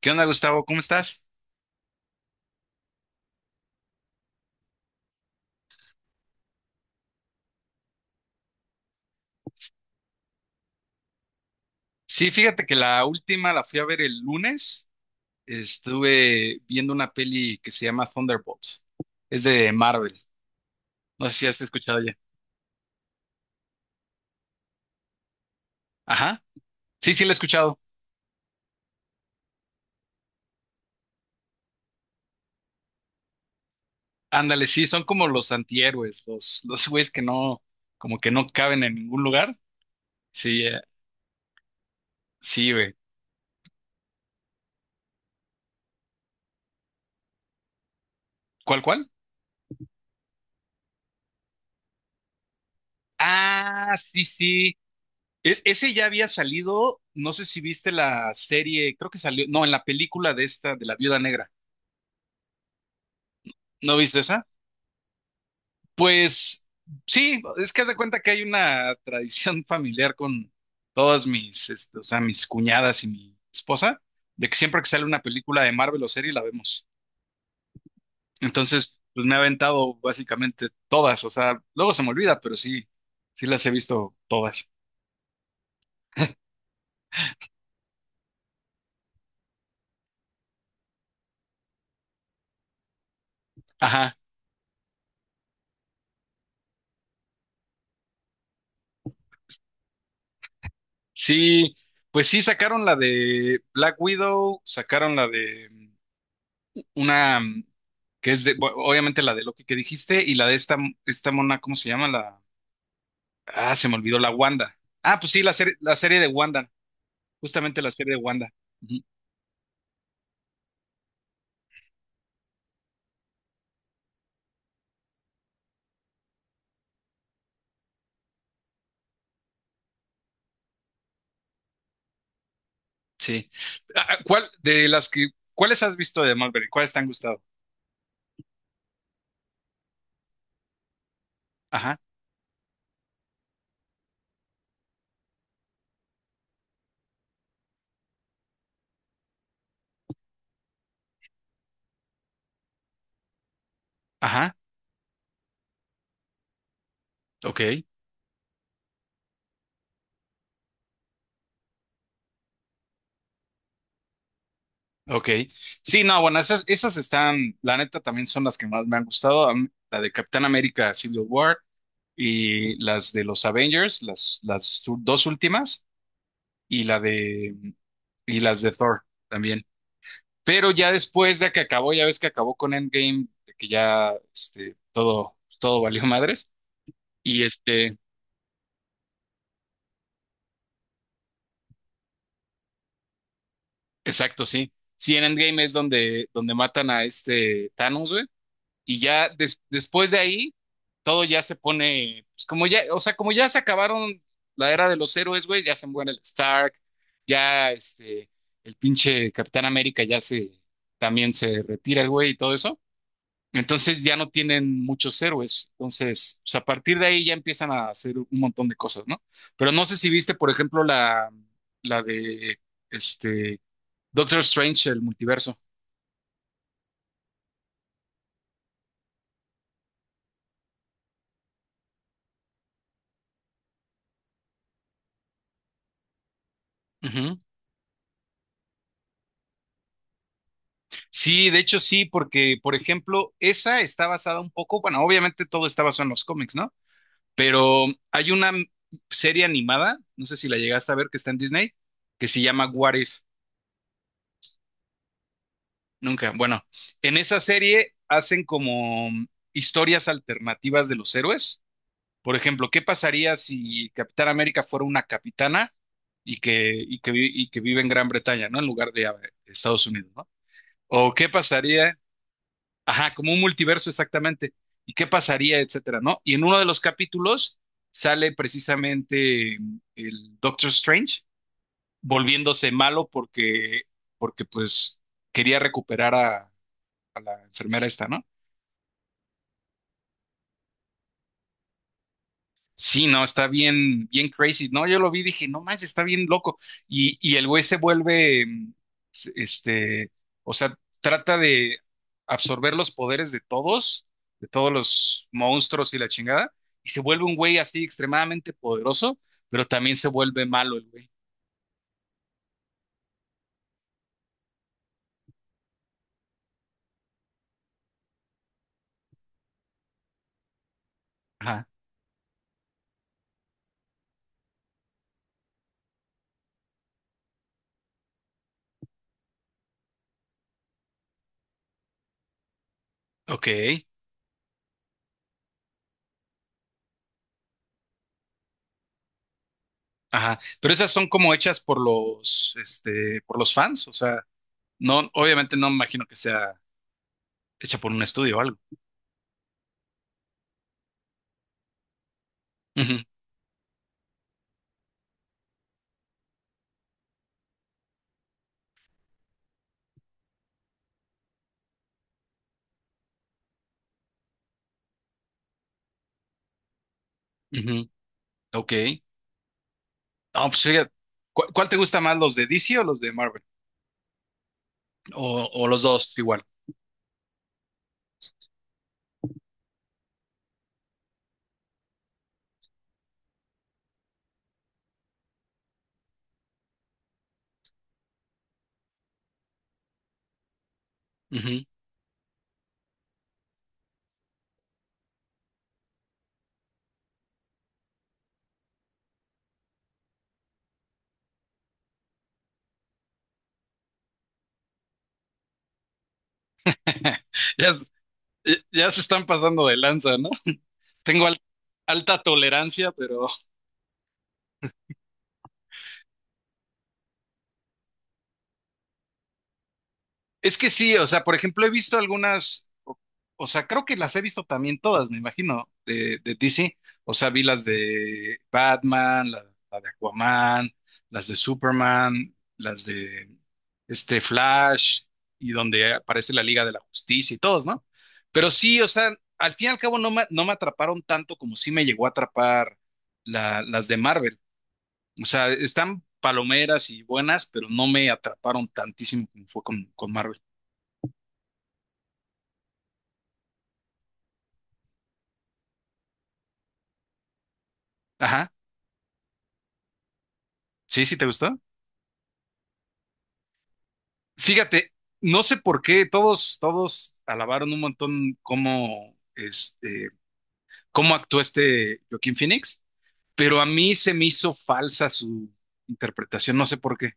¿Qué onda, Gustavo? ¿Cómo estás? Sí, fíjate que la última la fui a ver el lunes. Estuve viendo una peli que se llama Thunderbolts. Es de Marvel. No sé si has escuchado ya. Ajá. Sí, sí, la he escuchado. Ándale, sí, son como los antihéroes, los güeyes que no, como que no caben en ningún lugar. Sí, sí, güey. ¿Cuál, cuál? Ah, sí, sí. Ese ya había salido. No sé si viste la serie, creo que salió. No, en la película de esta, de la Viuda Negra. ¿No viste esa? Pues sí, es que haz de cuenta que hay una tradición familiar con todas mis, este, o sea, mis cuñadas y mi esposa, de que siempre que sale una película de Marvel o serie la vemos. Entonces, pues me he aventado básicamente todas, o sea, luego se me olvida, pero sí, sí las he visto todas. Ajá, sí, pues sí sacaron la de Black Widow, sacaron la de una que es de, obviamente la de Loki que dijiste y la de esta mona, ¿cómo se llama? La Ah, se me olvidó la Wanda. Ah, pues sí, la serie, de Wanda, justamente la serie de Wanda. Ujú, sí. Ah, ah, ¿Cuál de las que, cuáles has visto de Marvel? ¿Cuáles te han gustado? Ajá, ajá, ok, ok. Sí, no, bueno, esas están, la neta, también son las que más me han gustado. A mí, la de Capitán América Civil War y las de los Avengers, las dos últimas, y la de, y las de Thor también. Pero ya después de que acabó, ya ves que acabó con Endgame, de que ya este, todo valió madres. Y este, exacto, sí. Sí, en Endgame es donde matan a este Thanos, güey. Y ya después de ahí, todo ya se pone, pues, como ya, o sea, como ya se acabaron la era de los héroes, güey, ya se muere el Stark, ya este, el pinche Capitán América también se retira el güey y todo eso. Entonces ya no tienen muchos héroes. Entonces, pues, a partir de ahí ya empiezan a hacer un montón de cosas, ¿no? Pero no sé si viste, por ejemplo, la de este Doctor Strange, el multiverso. Ujú. Sí, de hecho sí, porque, por ejemplo, esa está basada un poco, bueno, obviamente todo está basado en los cómics, ¿no? Pero hay una serie animada, no sé si la llegaste a ver, que está en Disney, que se llama What If. Nunca. Bueno, en esa serie hacen como historias alternativas de los héroes. Por ejemplo, ¿qué pasaría si Capitán América fuera una capitana y que vive en Gran Bretaña, ¿no? En lugar de Estados Unidos, ¿no? O qué pasaría, ajá, como un multiverso exactamente, y qué pasaría, etcétera, ¿no? Y en uno de los capítulos sale precisamente el Doctor Strange volviéndose malo porque, pues quería recuperar a la enfermera esta, ¿no? Sí, no, está bien, bien crazy. No, yo lo vi, dije, no manches, está bien loco. Y el güey se vuelve, s- este, o sea, trata de absorber los poderes de todos los monstruos y la chingada, y se vuelve un güey así extremadamente poderoso, pero también se vuelve malo el güey. Ajá, ok, ajá. Pero esas son como hechas por los fans, o sea, no, obviamente no me imagino que sea hecha por un estudio o algo. Ujú, ujú, ok. No, pues fíjate, ¿cuál te gusta más, los de DC o los de Marvel? O los dos igual. Ujú. Ya, ya se están pasando de lanza, ¿no? Tengo alta tolerancia, pero. Es que sí, o sea, por ejemplo, he visto algunas, o sea, creo que las he visto también todas, me imagino, de, DC. O sea, vi las de Batman, la de Aquaman, las de Superman, las de este Flash, y donde aparece la Liga de la Justicia y todos, ¿no? Pero sí, o sea, al fin y al cabo no me, atraparon tanto como sí me llegó a atrapar las de Marvel. O sea, están palomeras y buenas, pero no me atraparon tantísimo como fue con Marvel. Ajá. Sí, sí, ¿te gustó? Fíjate, no sé por qué todos, todos alabaron un montón cómo, este, cómo actuó este Joaquín Phoenix, pero a mí se me hizo falsa su interpretación, no sé por qué.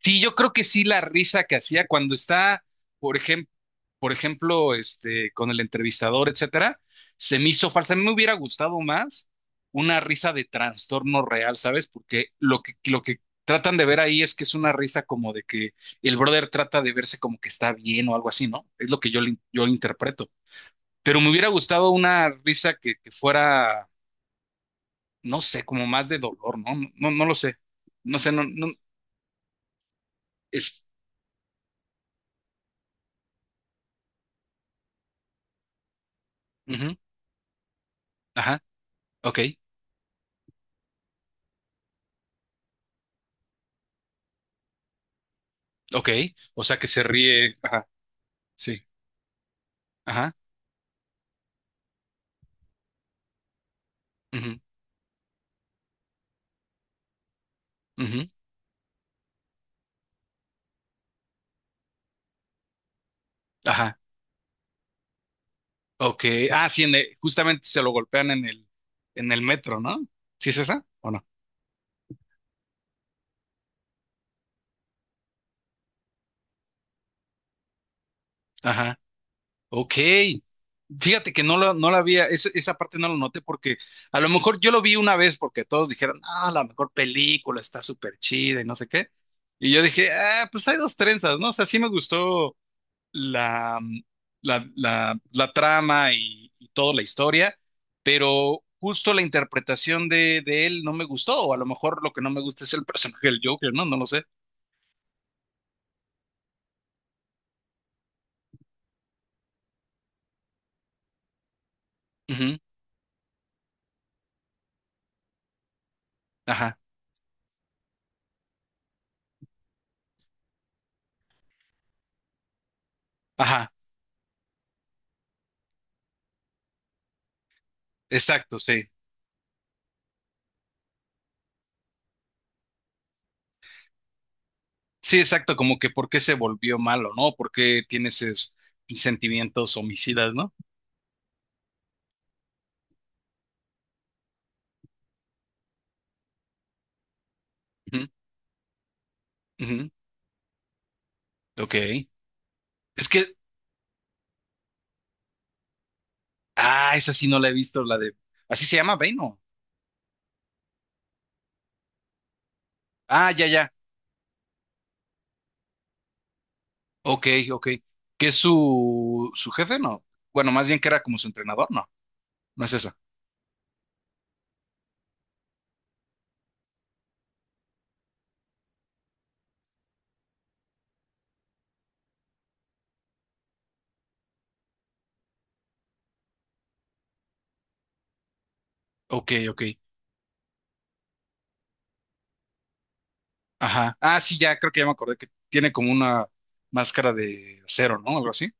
Sí, yo creo que sí la risa que hacía cuando está, por ejemplo, por ejemplo, este, con el entrevistador, etcétera, se me hizo falsa. A mí me hubiera gustado más una risa de trastorno real, ¿sabes? Porque lo que tratan de ver ahí es que es una risa como de que el brother trata de verse como que está bien o algo así, ¿no? Es lo que yo interpreto. Pero me hubiera gustado una risa que fuera, no sé, como más de dolor, ¿no? No, no, no lo sé. No sé, no, no, es, ujú, ajá, ok. Ok, o sea que se ríe. Ajá, sí. Ajá. Ujú, ujú, ajá. Ok. Ah, sí, en justamente se lo golpean en el metro, ¿no? ¿Sí es esa? ¿O no? Ajá. Ok. Fíjate que no la había, esa parte no lo noté porque a lo mejor yo lo vi una vez porque todos dijeron, ah, la mejor película está súper chida y no sé qué. Y yo dije, ah, pues hay dos trenzas, ¿no? O sea, sí me gustó la, mm, la trama y, toda la historia, pero justo la interpretación de él no me gustó, o a lo mejor lo que no me gusta es el personaje del Joker, ¿no? No lo sé. Ujú, ajá, ajá, exacto, sí. Sí, exacto, como que por qué se volvió malo, ¿no? ¿Por qué tiene esos sentimientos homicidas, no? Ujú, ujú, ok. Es que, ah, esa sí no la he visto, la de. Así se llama Bane, ¿no? Ah, ya, ya. Ok, ok. ¿Qué es su jefe? No. Bueno, más bien que era como su entrenador, no. No es esa. Ok, ok. Ajá. Ah, sí, ya creo que ya me acordé que tiene como una máscara de acero, ¿no? Algo así.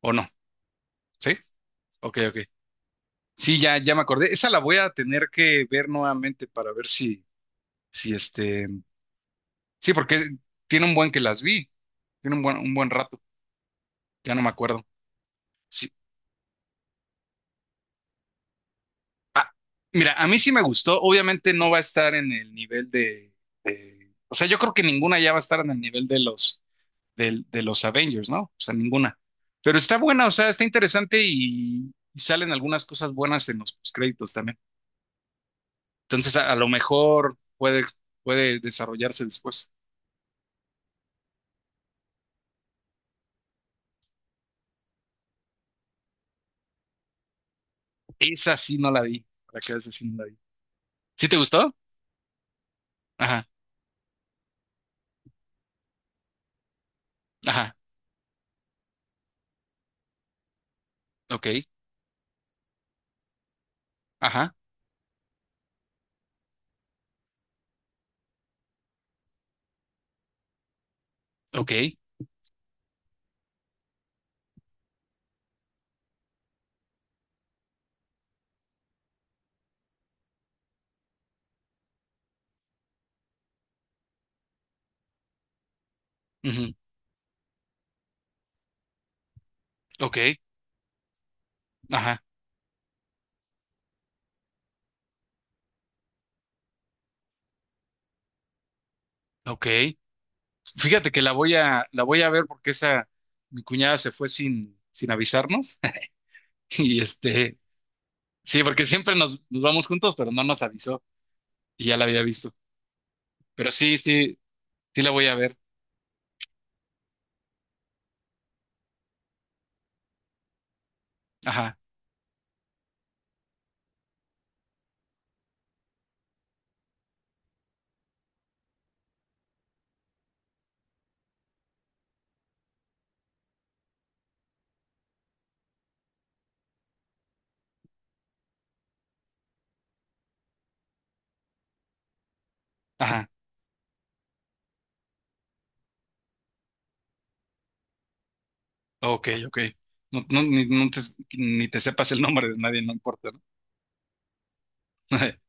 ¿O no? ¿Sí? Ok, ok. Sí, ya, ya me acordé. Esa la voy a tener que ver nuevamente para ver si, este. Sí, porque tiene un buen que las vi. Tiene un buen rato. Ya no me acuerdo. Ah, mira, a mí sí me gustó. Obviamente no va a estar en el nivel de, o sea, yo creo que ninguna ya va a estar en el nivel de los Avengers, ¿no? O sea, ninguna. Pero está buena, o sea, está interesante y, salen algunas cosas buenas en los créditos también. Entonces, a lo mejor puede desarrollarse después. Esa sí no la vi. Para que esa sí no la vi. ¿Sí te gustó? Ajá, ajá, ok, ajá, ok, ujú, ok, ajá, ok. Fíjate que la voy a ver porque esa, mi cuñada se fue sin, avisarnos. Y este, sí, porque siempre nos vamos juntos, pero no nos avisó y ya la había visto. Pero sí, sí, sí la voy a ver. Ajá, ajá. Ok, ok. No, no, ni te sepas el nombre de nadie, no importa, ¿no?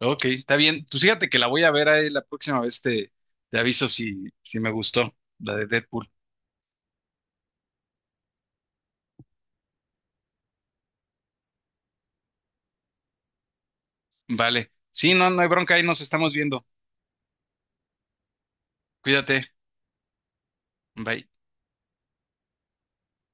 Ok, está bien. Pues fíjate que la voy a ver ahí la próxima vez, te aviso si me gustó, la de Deadpool. Vale. Sí, no, no hay bronca, ahí nos estamos viendo. Cuídate. Bye.